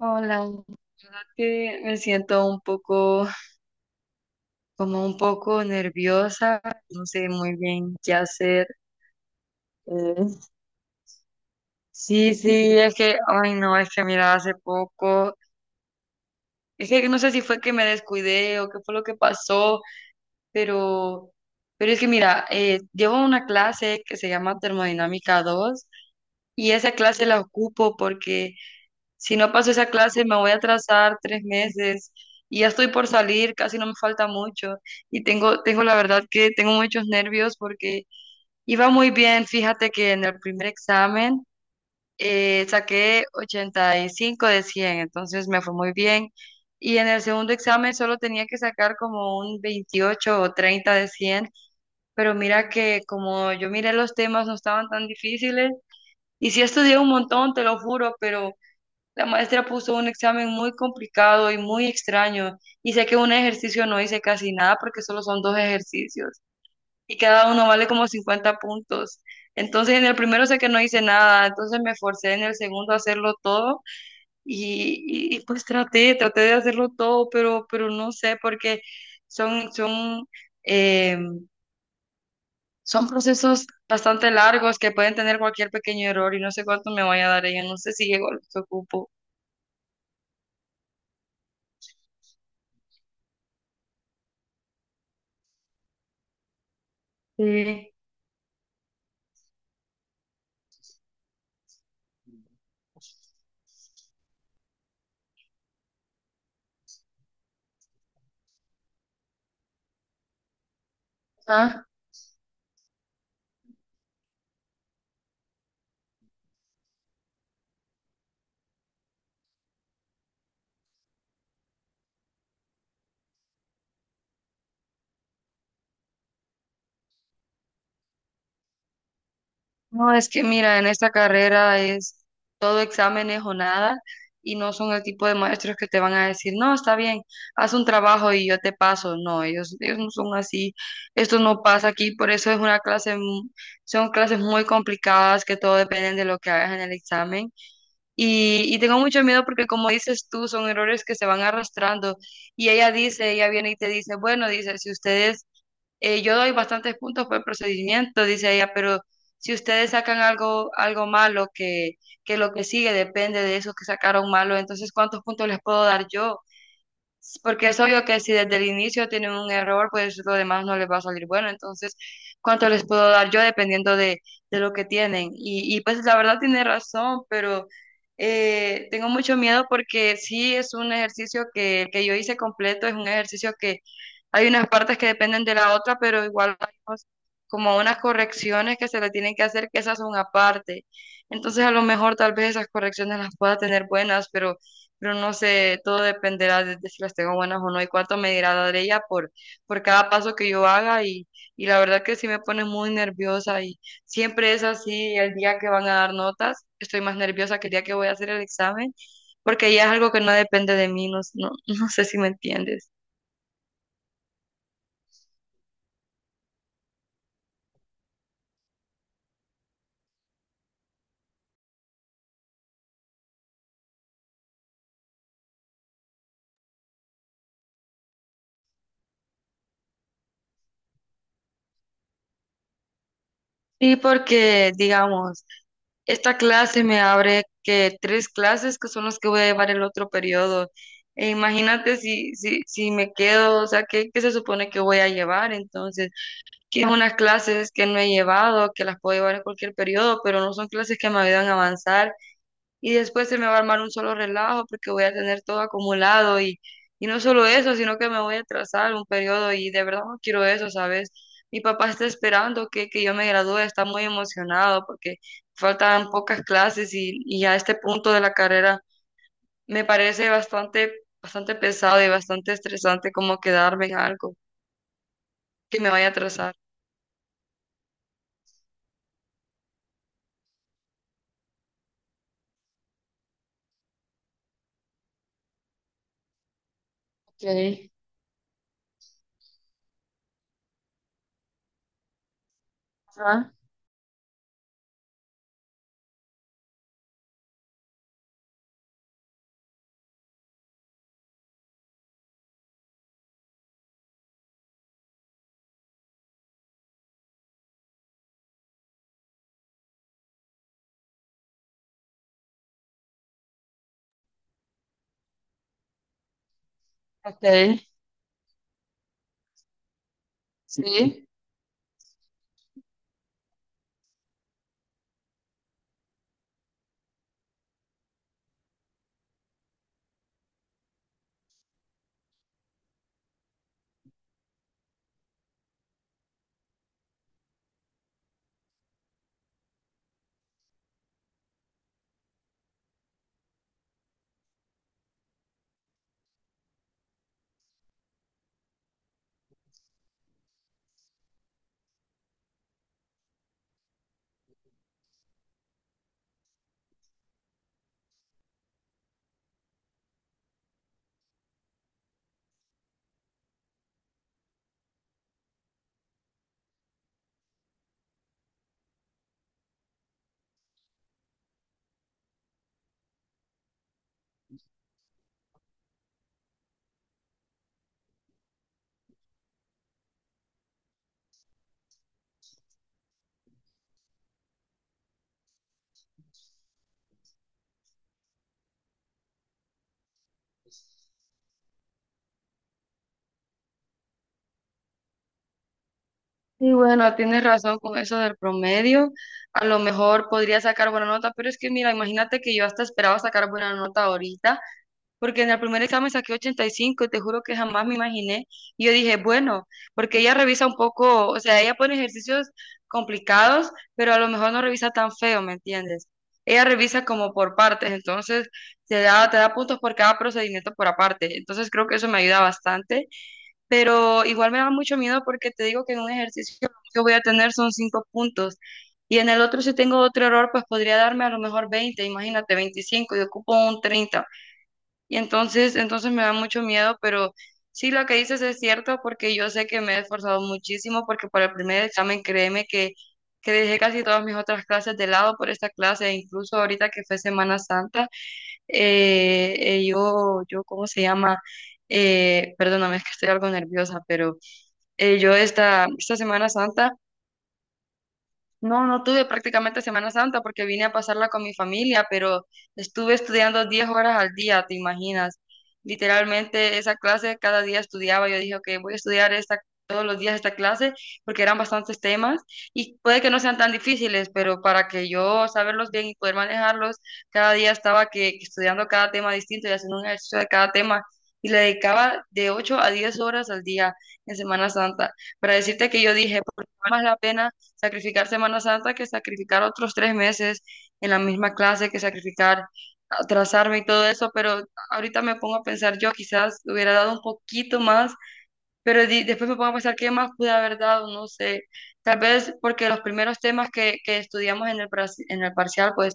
Hola, que me siento un poco, como un poco nerviosa, no sé muy bien qué hacer. Eh, sí, sí, es que, ay no, es que mira, hace poco, es que no sé si fue que me descuidé o qué fue lo que pasó, pero, pero es que mira, llevo una clase que se llama Termodinámica dos y esa clase la ocupo porque si no paso esa clase, me voy a atrasar tres meses y ya estoy por salir, casi no me falta mucho. Y tengo la verdad que tengo muchos nervios porque iba muy bien. Fíjate que en el primer examen saqué 85 de 100, entonces me fue muy bien. Y en el segundo examen solo tenía que sacar como un 28 o 30 de 100, pero mira que como yo miré los temas, no estaban tan difíciles. Y sí estudié un montón, te lo juro, pero la maestra puso un examen muy complicado y muy extraño, y sé que un ejercicio no hice casi nada, porque solo son dos ejercicios y cada uno vale como 50 puntos. Entonces en el primero sé que no hice nada, entonces me forcé en el segundo a hacerlo todo y pues traté de hacerlo todo, pero no sé porque son, son, eh, son procesos bastante largos que pueden tener cualquier pequeño error, y no sé cuánto me vaya a dar ella, no sé si llego a lo que ocupo. Sí. Ah. No, es que mira, en esta carrera es todo exámenes o nada, y no son el tipo de maestros que te van a decir, no, está bien, haz un trabajo y yo te paso. No, ellos no son así. Esto no pasa aquí, por eso es una clase, son clases muy complicadas que todo depende de lo que hagas en el examen. Y tengo mucho miedo porque como dices tú, son errores que se van arrastrando, y ella dice, ella viene y te dice, bueno, dice, si ustedes yo doy bastantes puntos por el procedimiento, dice ella, pero si ustedes sacan algo, algo malo, que lo que sigue depende de eso que sacaron malo, entonces, ¿cuántos puntos les puedo dar yo? Porque es obvio que si desde el inicio tienen un error, pues lo demás no les va a salir bueno. Entonces, ¿cuánto les puedo dar yo dependiendo de lo que tienen? Pues la verdad tiene razón, pero tengo mucho miedo porque sí es un ejercicio que yo hice completo, es un ejercicio que hay unas partes que dependen de la otra, pero igual hay cosas como unas correcciones que se le tienen que hacer, que esas son aparte. Entonces, a lo mejor tal vez esas correcciones las pueda tener buenas, pero no sé, todo dependerá de si las tengo buenas o no, y cuánto me dirá dar ella por cada paso que yo haga, y la verdad que sí me pone muy nerviosa, y siempre es así, el día que van a dar notas, estoy más nerviosa que el día que voy a hacer el examen, porque ya es algo que no depende de mí, no, no, no sé si me entiendes. Sí, porque digamos, esta clase me abre que tres clases que son las que voy a llevar el otro periodo. E imagínate si me quedo, o sea, ¿qué se supone que voy a llevar? Entonces, que unas clases que no he llevado, que las puedo llevar en cualquier periodo, pero no son clases que me ayudan a avanzar, y después se me va a armar un solo relajo porque voy a tener todo acumulado, y no solo eso, sino que me voy a atrasar un periodo, y de verdad no quiero eso, ¿sabes? Mi papá está esperando que yo me gradúe, está muy emocionado porque faltan pocas clases, y a este punto de la carrera me parece bastante, bastante pesado y bastante estresante como quedarme en algo que me vaya a atrasar. Okay. Ajá, okay. Sí. Y bueno, tienes razón con eso del promedio. A lo mejor podría sacar buena nota, pero es que mira, imagínate que yo hasta esperaba sacar buena nota ahorita, porque en el primer examen saqué 85 y cinco y te juro que jamás me imaginé. Y yo dije, bueno, porque ella revisa un poco, o sea, ella pone ejercicios complicados, pero a lo mejor no revisa tan feo, ¿me entiendes? Ella revisa como por partes, entonces te da puntos por cada procedimiento por aparte. Entonces creo que eso me ayuda bastante, pero igual me da mucho miedo porque te digo que en un ejercicio que voy a tener son cinco puntos, y en el otro si tengo otro error, pues podría darme a lo mejor 20, imagínate, 25, y ocupo un 30, y entonces me da mucho miedo, pero sí, lo que dices es cierto porque yo sé que me he esforzado muchísimo, porque para el primer examen, créeme que dejé casi todas mis otras clases de lado por esta clase, e incluso ahorita que fue Semana Santa, ¿cómo se llama? Perdóname, es que estoy algo nerviosa, pero yo esta Semana Santa no tuve prácticamente Semana Santa porque vine a pasarla con mi familia, pero estuve estudiando 10 horas al día, ¿te imaginas? Literalmente esa clase cada día estudiaba. Yo dije, ok, voy a estudiar esta, todos los días esta clase, porque eran bastantes temas y puede que no sean tan difíciles, pero para que yo saberlos bien y poder manejarlos, cada día estaba que estudiando cada tema distinto y haciendo un ejercicio de cada tema. Y le dedicaba de 8 a 10 horas al día en Semana Santa. Para decirte que yo dije, por más la pena sacrificar Semana Santa que sacrificar otros tres meses en la misma clase, que sacrificar atrasarme y todo eso, pero ahorita me pongo a pensar, yo quizás hubiera dado un poquito más, pero después me pongo a pensar qué más pude haber dado, no sé, tal vez porque los primeros temas que estudiamos en el, en el parcial, pues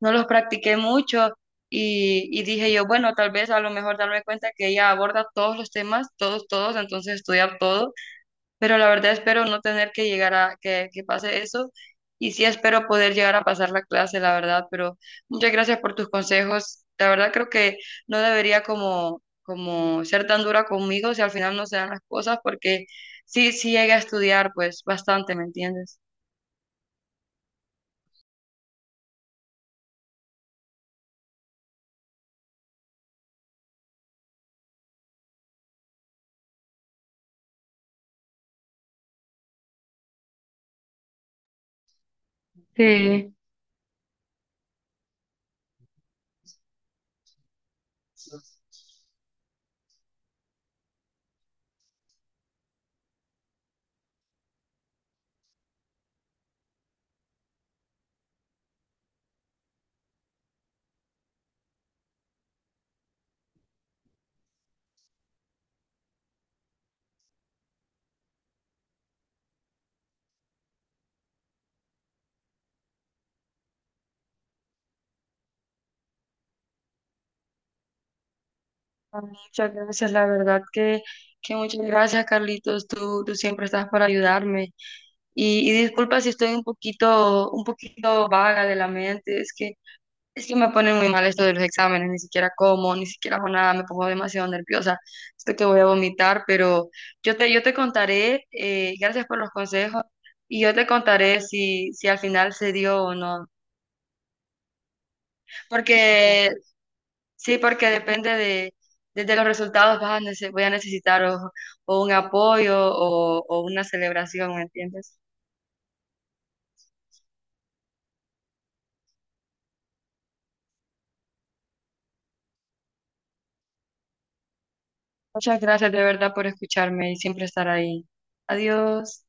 no los practiqué mucho, y dije yo, bueno, tal vez a lo mejor darme cuenta que ella aborda todos los temas, todos, todos, entonces estudiar todo, pero la verdad espero no tener que llegar a que pase eso, y sí espero poder llegar a pasar la clase, la verdad, pero muchas gracias por tus consejos. La verdad creo que no debería como, como ser tan dura conmigo si al final no se dan las cosas, porque sí, sí llegué a estudiar pues bastante, ¿me entiendes? Sí. Muchas gracias, la verdad que muchas gracias, Carlitos. Tú siempre estás para ayudarme. Y disculpa si estoy un poquito vaga de la mente, es que es que me ponen muy mal esto de los exámenes, ni siquiera como, ni siquiera hago nada, me pongo demasiado nerviosa. Esto que voy a vomitar, pero yo te contaré, gracias por los consejos, y yo te contaré si al final se dio o no. Porque, sí, porque depende de, desde los resultados, vas a voy a necesitar o, o un apoyo o una celebración, ¿me entiendes? Muchas gracias de verdad por escucharme y siempre estar ahí. Adiós.